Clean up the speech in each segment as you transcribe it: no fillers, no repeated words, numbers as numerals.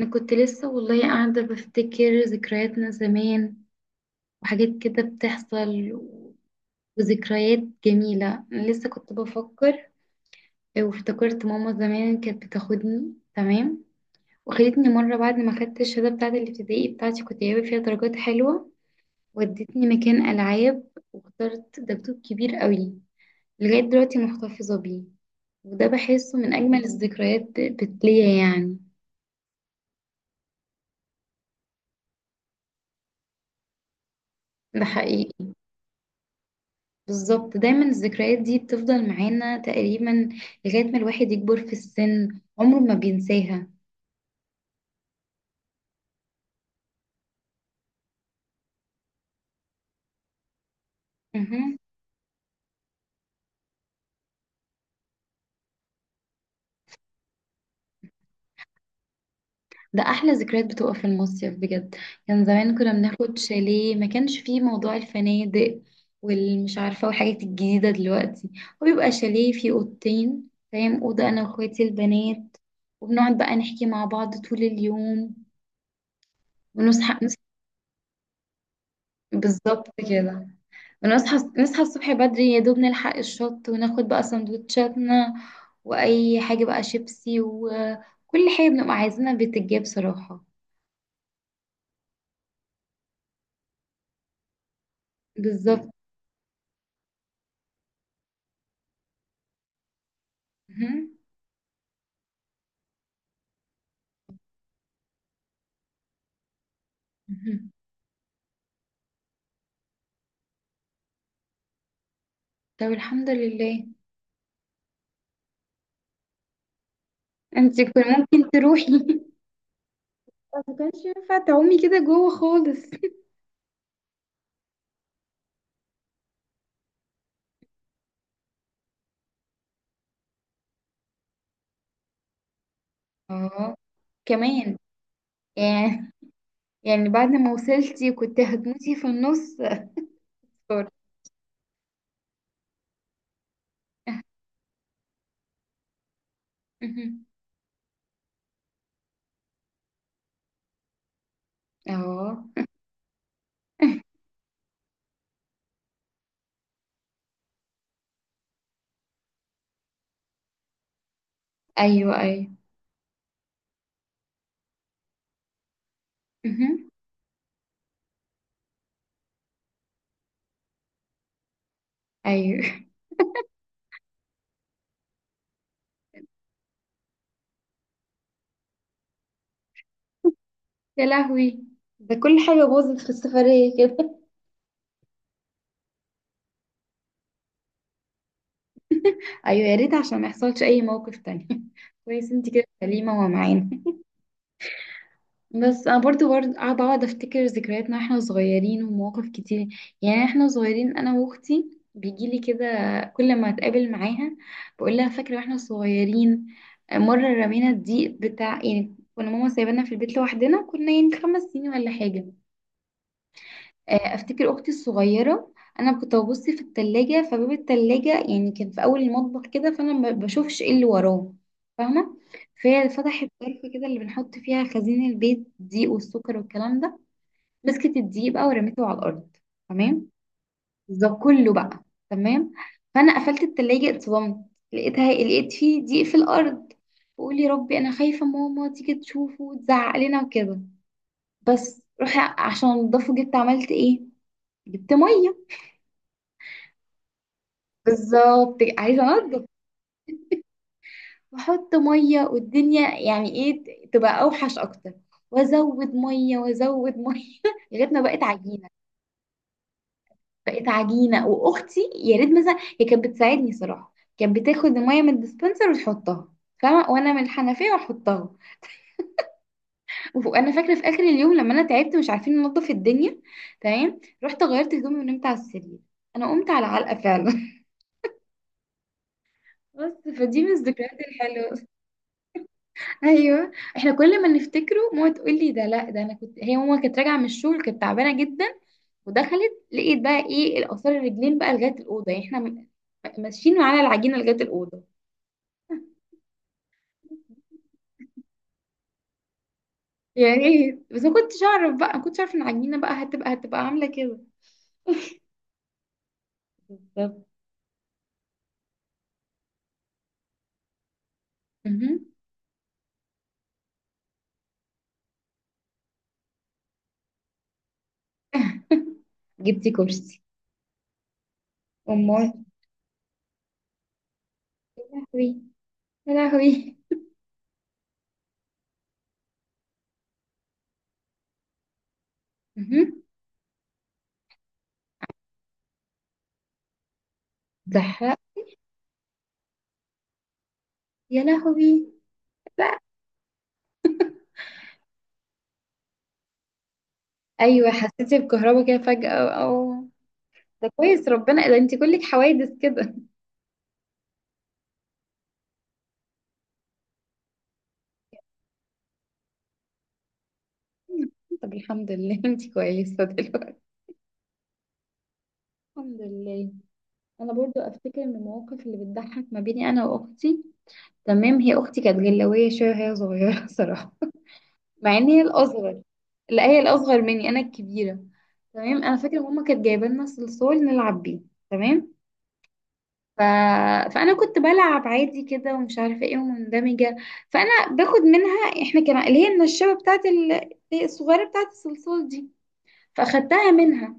انا كنت لسه والله قاعدة بفتكر ذكرياتنا زمان وحاجات كده بتحصل وذكريات جميلة. انا لسه كنت بفكر وافتكرت ماما زمان كانت بتاخدني. تمام. وخدتني مرة بعد ما خدت الشهادة بتاعة الابتدائي بتاعتي، كنت جايبة فيها درجات حلوة. ودتني مكان ألعاب واخترت دبدوب كبير قوي، لغاية دلوقتي محتفظة بيه. وده بحسه من أجمل الذكريات ليا يعني. ده حقيقي. بالظبط، دايما الذكريات دي بتفضل معانا تقريبا لغاية ما الواحد يكبر في السن، عمره ما بينساها. مهم. ده أحلى ذكريات بتبقى في المصيف بجد. كان زمان كنا بناخد شاليه، ما كانش فيه موضوع الفنادق والمش عارفة والحاجات الجديدة دلوقتي. وبيبقى شاليه فيه أوضتين، فاهم، أوضة أنا وأخواتي البنات، وبنقعد بقى نحكي مع بعض طول اليوم ونصحى بالظبط كده. بنصحى الصبح بدري يا دوب نلحق الشط وناخد بقى سندوتشاتنا واي حاجة بقى شيبسي وكل حاجة بنبقى عايزينها بتتجاب صراحة. بالظبط. مهم. مهم. طب الحمد لله. انت كنت ممكن تروحي. ما كانش ينفع تعومي كده جوه خالص. اه كمان. يعني. يعني بعد ما وصلتي كنت هتموتي في النص. أفكار. مهم. اه. ايوه ايوه. مهم. ايوه. يا لهوي، ده كل حاجة باظت في السفرية كده. ايوه يا ريت عشان ما يحصلش اي موقف تاني. كويس انت كده سليمة ومعانا. بس انا برضو قاعدة اقعد افتكر ذكرياتنا واحنا صغيرين، ومواقف كتير. يعني احنا صغيرين انا واختي بيجيلي كده كل ما اتقابل معاها بقول لها فاكرة واحنا صغيرين مرة رمينا الضيق بتاع، يعني كنا ماما سايبانا في البيت لوحدنا، كنا يعني خمس سنين ولا حاجة. افتكر اختي الصغيره، انا كنت ببص في التلاجة، فباب التلاجة يعني كان في اول المطبخ كده، فانا ما بشوفش ايه اللي وراه. فاهمه. فهي فتحت ظرف كده اللي بنحط فيها خزين البيت، الدقيق والسكر والكلام ده. مسكت الدقيق بقى ورميته على الارض. تمام. ده كله بقى. تمام. فانا قفلت التلاجة اتصدمت، لقيت فيه دقيق في الارض. بقول يا ربي، انا خايفه ماما تيجي تشوفه وتزعق لنا وكده. بس روح عشان انضفه، جبت عملت ايه؟ جبت ميه. بالظبط، عايزه انضف. واحط ميه، والدنيا يعني ايه تبقى اوحش اكتر. وازود ميه وازود ميه لغايه ما بقت عجينه. بقت عجينه. واختي يا ريت مثلا هي كانت بتساعدني صراحه، كانت بتاخد الميه من الديسبنسر وتحطها. فاهمه. وانا من الحنفيه واحطها. وانا فاكره في اخر اليوم لما انا تعبت مش عارفين ننضف الدنيا. تمام. رحت غيرت هدومي ونمت على السرير. انا قمت على علقه فعلا. بس فدي من الذكريات الحلوه. ايوه. احنا كل ما نفتكره ماما تقول لي ده، لا ده انا كنت، هي ماما كانت راجعه من الشغل كانت تعبانه جدا، ودخلت لقيت بقى ايه، الاثار الرجلين بقى لغايه الاوضه. يعني احنا ماشيين على العجينه لغايه الاوضه. يعني ايه بس، ما كنتش اعرف ان العجينه بقى هتبقى عامله كده. بالظبط. اها. جبتي كرسي؟ امال. يا لهوي. يا لهوي. اها. زحرق. يا لهوي. ايوه حسيتي بكهربا كده فجاه. او أو- ده كويس ربنا، ده انت كلك حوادث كده. طب الحمد لله. انتي كويسة دلوقتي؟ الحمد لله. انا برضو افتكر من المواقف اللي بتضحك ما بيني انا واختي. تمام. هي اختي كانت جلاويه شويه وهي صغيره صراحه، مع ان هي الاصغر. لا هي الاصغر مني، انا الكبيره. تمام. انا فاكره ماما كانت جايبه لنا صلصال نلعب بيه. تمام. ف... فانا كنت بلعب عادي كده ومش عارفه ايه، ومندمجه. فانا باخد منها، احنا كان اللي هي النشابه بتاعت الصغيره بتاعت الصلصال دي، فاخدتها منها.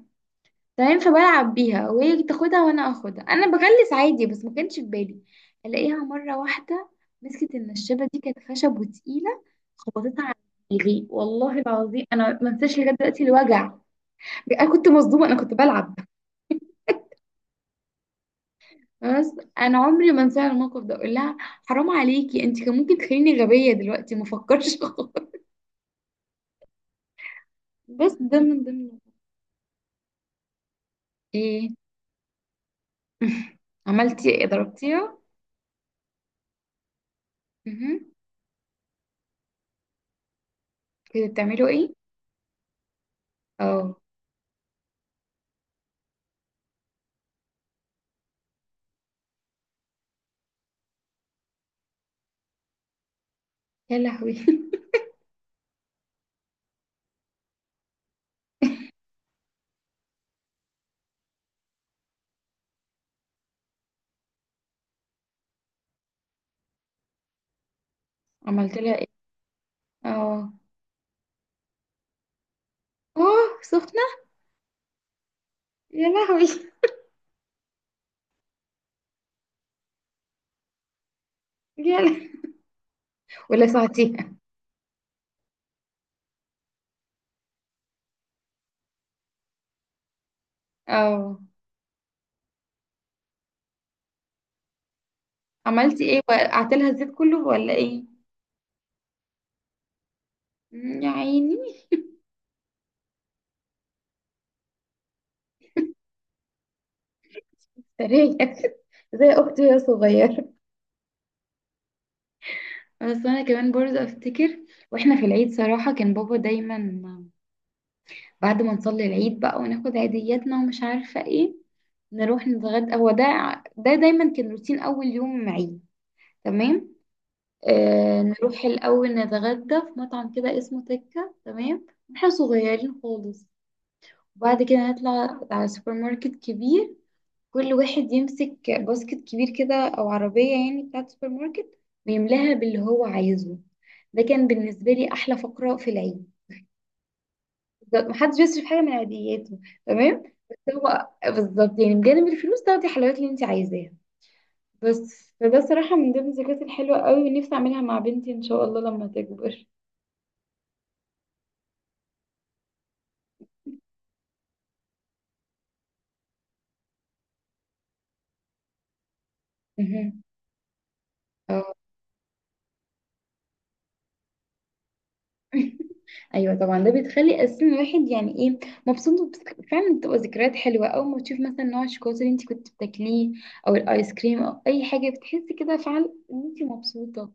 تمام. فبلعب بيها وهي تاخدها وانا اخدها، انا بغلس عادي بس ما كانش في بالي. الاقيها مره واحده مسكت النشابه دي، كانت خشب وتقيله، خبطتها على دماغي. والله العظيم انا ما انساش لغايه دلوقتي الوجع. انا كنت مصدومه انا كنت بلعب بس. انا عمري ما انسى الموقف ده. اقول لها حرام عليكي، انت كان ممكن تخليني غبيه دلوقتي ما افكرش خالص. بس ده من ضمن. ايه؟ عملتي ايه، ضربتيها؟ مهم. كنتوا بتعملوا ايه؟ اه. يا لهوي. عملت لها ايه؟ اه. اوه سخنة؟ يا لهوي. يا لهوي. ولسعتيها؟ اه. عملتي ايه، وقعت لها الزيت كله ولا ايه؟ مم، يا عيني. سريع. زي اختي وهي صغيرة. بس انا كمان برضه افتكر، واحنا في العيد صراحة كان بابا دايما بعد ما نصلي العيد بقى وناخد عيدياتنا ومش عارفة ايه، نروح نتغدى. هو ده، ده دايما كان روتين اول يوم عيد. تمام. نروح الأول نتغدى في مطعم كده اسمه تكة. تمام. احنا صغيرين خالص. وبعد كده نطلع على سوبر ماركت كبير، كل واحد يمسك باسكت كبير كده أو عربية يعني بتاعة سوبر ماركت ويملاها باللي هو عايزه. ده كان بالنسبة لي أحلى فقرة في العيد. بالظبط، محدش بيصرف حاجة من عادياته. تمام. بس هو بالظبط يعني بجانب الفلوس تاخدي الحلويات اللي انت عايزاها بس. فده صراحة من ضمن الذكريات الحلوة قوي، ونفسي أعملها مع بنتي إن شاء الله لما تكبر. اه. ايوه طبعا، ده بتخلي اساسا الواحد يعني ايه، مبسوط. فعلا بتبقى ذكريات حلوه اول ما تشوف مثلا نوع الشوكولاته اللي انت كنت بتاكليه، او الايس كريم، او اي حاجه بتحسي كده فعلا ان انت مبسوطه.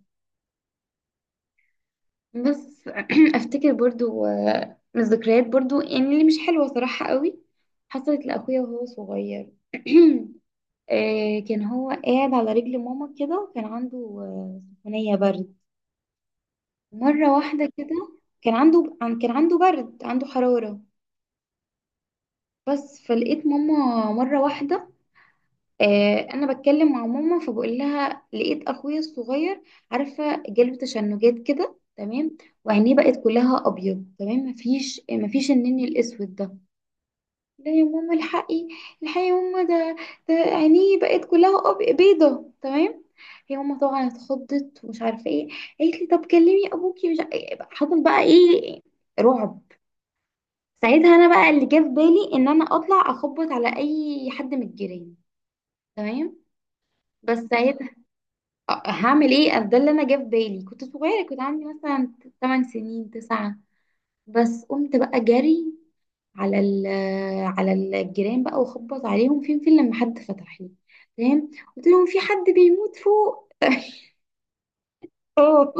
بس افتكر برضو، من الذكريات برضو يعني اللي مش حلوه صراحه قوي، حصلت لاخويا وهو صغير. كان هو قاعد على رجل ماما كده، وكان عنده سخونيه برد مره واحده كده. كان عنده برد، عنده حراره. بس فلقيت ماما مرة واحدة. أنا بتكلم مع ماما، فبقول لها لقيت أخويا الصغير، عارفة، جاله تشنجات كده. تمام. وعينيه بقت كلها أبيض. تمام. مفيش النني الأسود ده. لا يا ماما الحقي، الحقي يا ماما، ده عينيه بقت كلها بيضة. تمام. هي ماما طبعا اتخضت ومش عارفة ايه. قالت لي طب كلمي أبوكي، مش حصل بقى ايه. رعب. ساعتها انا بقى اللي جه في بالي ان انا اطلع اخبط على اي حد من الجيران. تمام. بس ساعتها، هعمل ايه. ده اللي انا جه في بالي. كنت صغيره كنت عندي مثلا 8 سنين 9. بس قمت بقى جري على على الجيران بقى واخبط عليهم. فين لما حد فتح لي. تمام. قلت لهم في حد بيموت فوق. اه.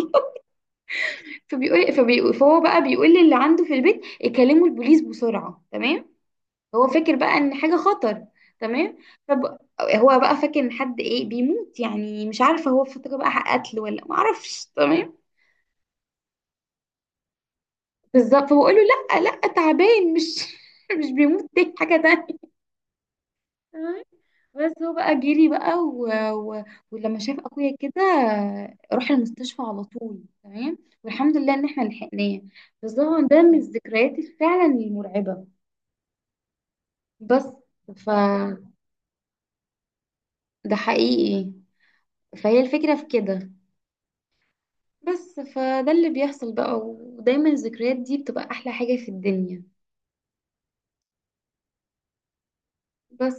فبيقول فهو بقى بيقول للي عنده في البيت يكلموا البوليس بسرعه. تمام. هو فاكر بقى ان حاجه خطر. تمام. طب هو بقى فاكر ان حد ايه بيموت، يعني مش عارفه هو فاكر بقى قتل ولا ما اعرفش. تمام. بالظبط. فبقول له لا لا، تعبان مش مش بيموت، دي حاجه تانية. تمام. بس هو بقى جري بقى و... ولما شاف اخويا كده راح المستشفى على طول. تمام. والحمد لله ان احنا لحقناه. بس طبعا ده من الذكريات فعلا المرعبه. بس فده. حقيقي. فهي الفكره في كده. بس فده اللي بيحصل بقى، ودايما الذكريات دي بتبقى أحلى حاجة في الدنيا. بس